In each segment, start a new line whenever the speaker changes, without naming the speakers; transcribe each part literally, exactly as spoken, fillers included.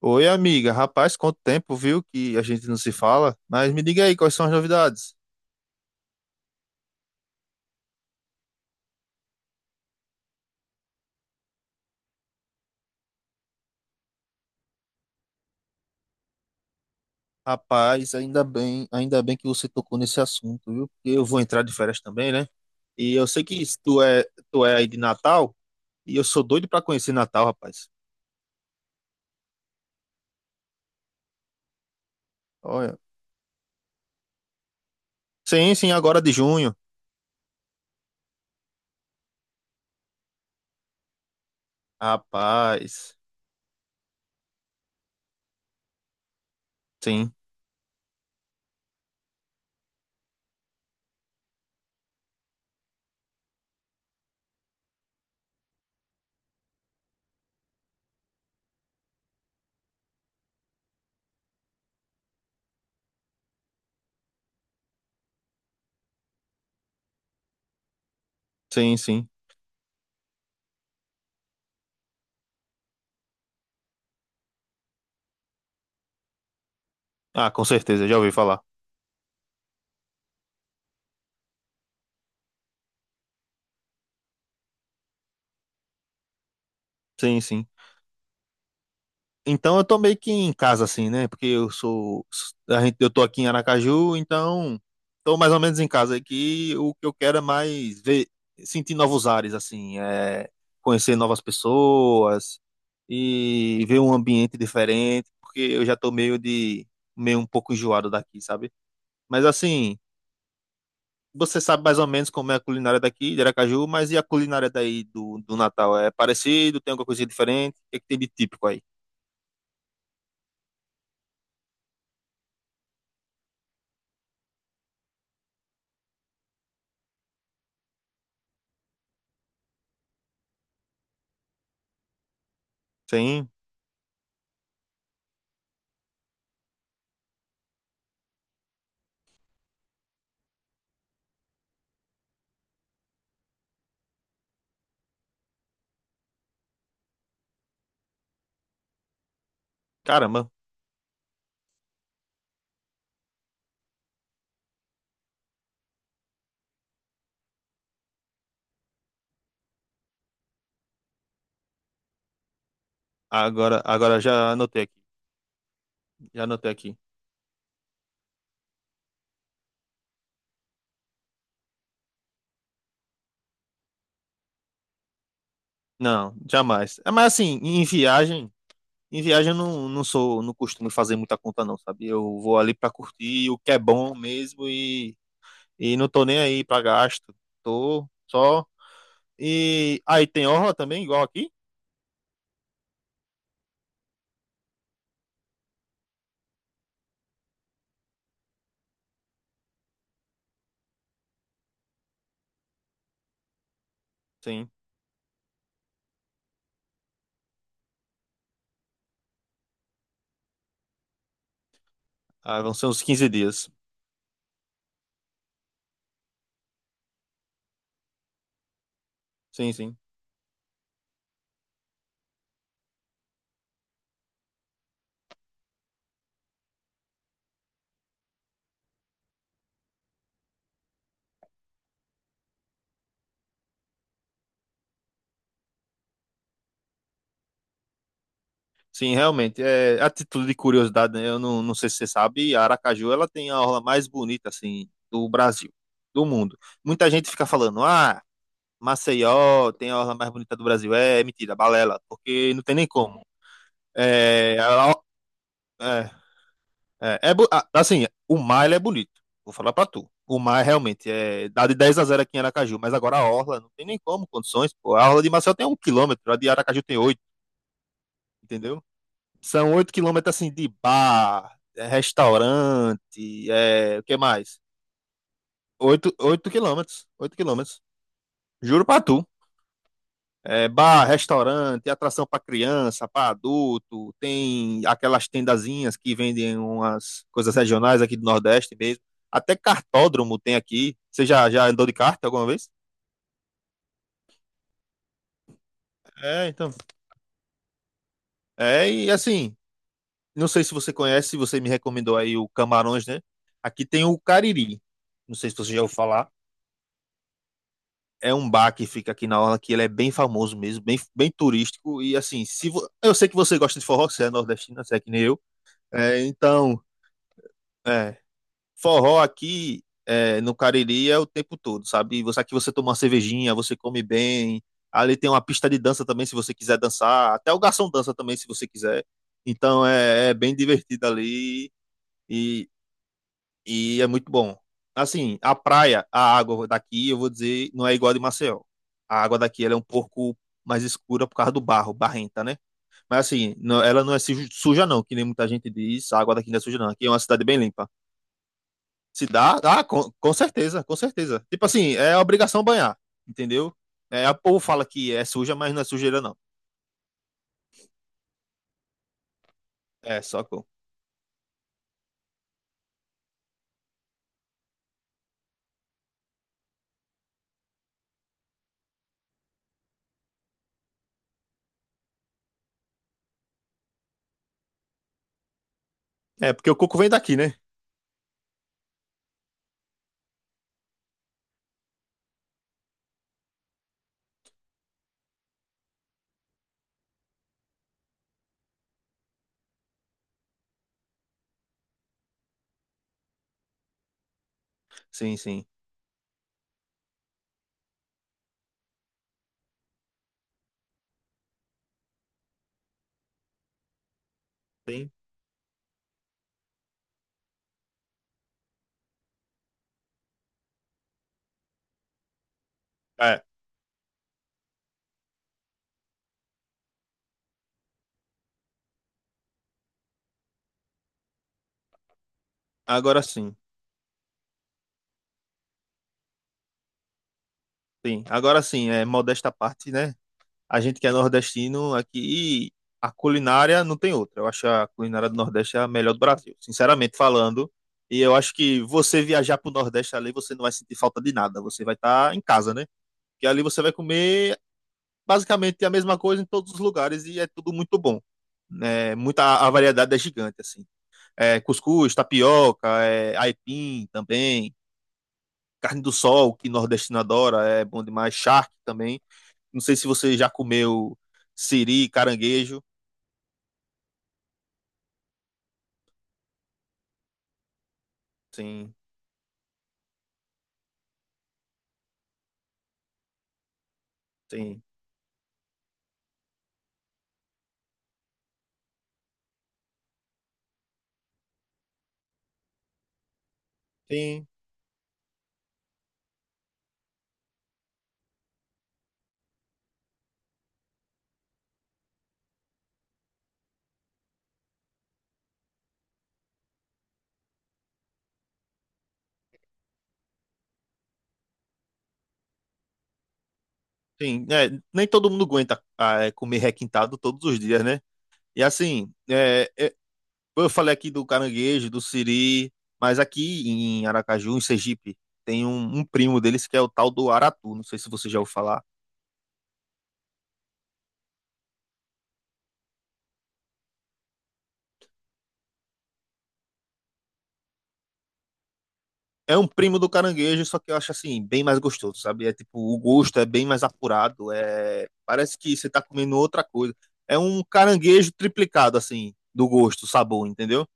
Oi, amiga. Rapaz, quanto tempo, viu, que a gente não se fala? Mas me diga aí, quais são as novidades? Rapaz, ainda bem, ainda bem que você tocou nesse assunto, viu? Porque eu vou entrar de férias também, né? E eu sei que tu é, tu é aí de Natal, e eu sou doido pra conhecer Natal, rapaz. Olha. Sim, sim, agora de junho. Rapaz. Sim, sim, sim. Ah, com certeza, já ouvi falar. Sim, sim. Então eu tô meio que em casa assim, né? Porque eu sou a gente, eu tô aqui em Aracaju, então tô mais ou menos em casa aqui. O que eu quero é mais ver, sentir novos ares assim, é conhecer novas pessoas e ver um ambiente diferente, porque eu já tô meio de meio um pouco enjoado daqui, sabe? Mas assim, você sabe mais ou menos como é a culinária daqui de Aracaju, mas e a culinária daí do, do Natal? É parecido? Tem alguma coisa diferente? O que é que tem de típico aí? Sim, caramba. Agora, agora já anotei aqui. Já anotei aqui. Não, jamais. É, mas assim, em viagem, em viagem eu não, não sou, não costumo fazer muita conta não, sabe? Eu vou ali pra curtir o que é bom mesmo e, e não tô nem aí pra gasto. Tô só. E aí tem orla também, igual aqui? Sim. Ah, vão ser uns quinze dias. Sim, sim. Sim, realmente. É, a título de curiosidade, né? Eu não, não sei se você sabe, a Aracaju, ela tem a orla mais bonita, assim, do Brasil, do mundo. Muita gente fica falando, ah, Maceió tem a orla mais bonita do Brasil. É, é mentira, balela, porque não tem nem como. É, ela- é, é, é bo- ah, assim, o mar ele é bonito. Vou falar pra tu. O mar realmente é dá de dez a zero aqui em Aracaju, mas agora a orla não tem nem como condições, pô. A orla de Maceió tem um quilômetro, a de Aracaju tem oito, entendeu? São oito quilômetros assim de bar, é, restaurante, é, o que mais? Oito, oito quilômetros, oito quilômetros. Juro pra tu. É, bar, restaurante, atração para criança, para adulto, tem aquelas tendazinhas que vendem umas coisas regionais aqui do Nordeste mesmo. Até cartódromo tem aqui. Você já, já andou de kart alguma vez? É, então. É, e assim, não sei se você conhece, você me recomendou aí o Camarões, né? Aqui tem o Cariri. Não sei se você já ouviu falar. É um bar que fica aqui na orla, que ele é bem famoso mesmo, bem, bem turístico. E assim, se vo- eu sei que você gosta de forró, você é nordestino, você é que nem eu. É, então, é, Forró aqui é, no Cariri é o tempo todo, sabe? Você aqui você toma uma cervejinha, você come bem. Ali tem uma pista de dança também, se você quiser dançar. Até o garçom dança também, se você quiser. Então é, é bem divertido ali e, e é muito bom. Assim, a praia, a água daqui, eu vou dizer, não é igual a de Maceió. A água daqui ela é um pouco mais escura por causa do barro, barrenta, né? Mas assim, não- ela não é suja, não, que nem muita gente diz. A água daqui não é suja, não. Aqui é uma cidade bem limpa. Se dá, dá, com, com certeza, com certeza. Tipo assim, é obrigação banhar, entendeu? É, o povo fala que é suja, mas não é sujeira, não. É, só coco. É, porque o coco vem daqui, né? Sim, sim. Sim. É, agora sim. Sim, agora sim, é modesta à parte, né? A gente que é nordestino aqui, a culinária não tem outra. Eu acho a culinária do Nordeste a melhor do Brasil, sinceramente falando. E eu acho que você viajar pro Nordeste ali, você não vai sentir falta de nada. Você vai estar em casa, né? Porque ali você vai comer basicamente é a mesma coisa em todos os lugares e é tudo muito bom. É, muita, a variedade é gigante, assim. É, cuscuz, tapioca, é, aipim também, carne do sol, que nordestino adora, é bom demais, charque também. Não sei se você já comeu siri, caranguejo. Sim, sim, sim, sim. É, nem todo mundo aguenta ah, é, comer requintado todos os dias, né? E assim, é, eu falei aqui do caranguejo, do siri, mas aqui em Aracaju, em Sergipe, tem um, um primo deles que é o tal do aratu. Não sei se você já ouviu falar. É um primo do caranguejo, só que eu acho assim, bem mais gostoso, sabe? É tipo, o gosto é bem mais apurado, é... Parece que você tá comendo outra coisa. É um caranguejo triplicado, assim, do gosto, sabor, entendeu?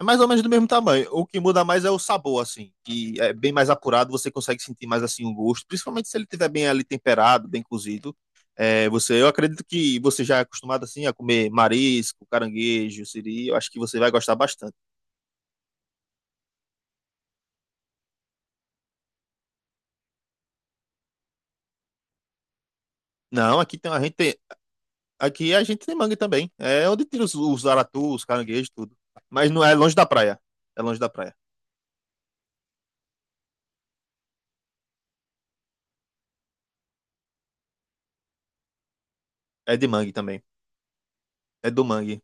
É mais ou menos do mesmo tamanho. O que muda mais é o sabor, assim, que é bem mais apurado, você consegue sentir mais assim o gosto, principalmente se ele estiver bem ali temperado, bem cozido. É, você, eu acredito que você já é acostumado assim a comer marisco, caranguejo, siri, eu acho que você vai gostar bastante. Não, aqui tem a gente tem, aqui a gente tem mangue também. É onde tira os, os aratus, os caranguejos, tudo. Mas não é longe da praia. É longe da praia. É de mangue também. É do mangue.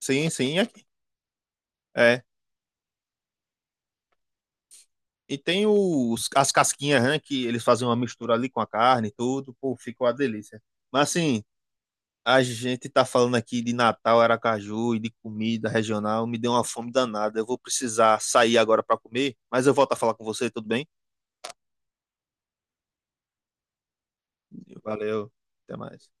Sim, sim, é aqui. É. E tem os, as casquinhas, né, que eles fazem uma mistura ali com a carne e tudo, pô, fica uma delícia. Mas assim, a gente tá falando aqui de Natal, Aracaju e de comida regional, me deu uma fome danada. Eu vou precisar sair agora para comer, mas eu volto a falar com você, tudo bem? Valeu, até mais.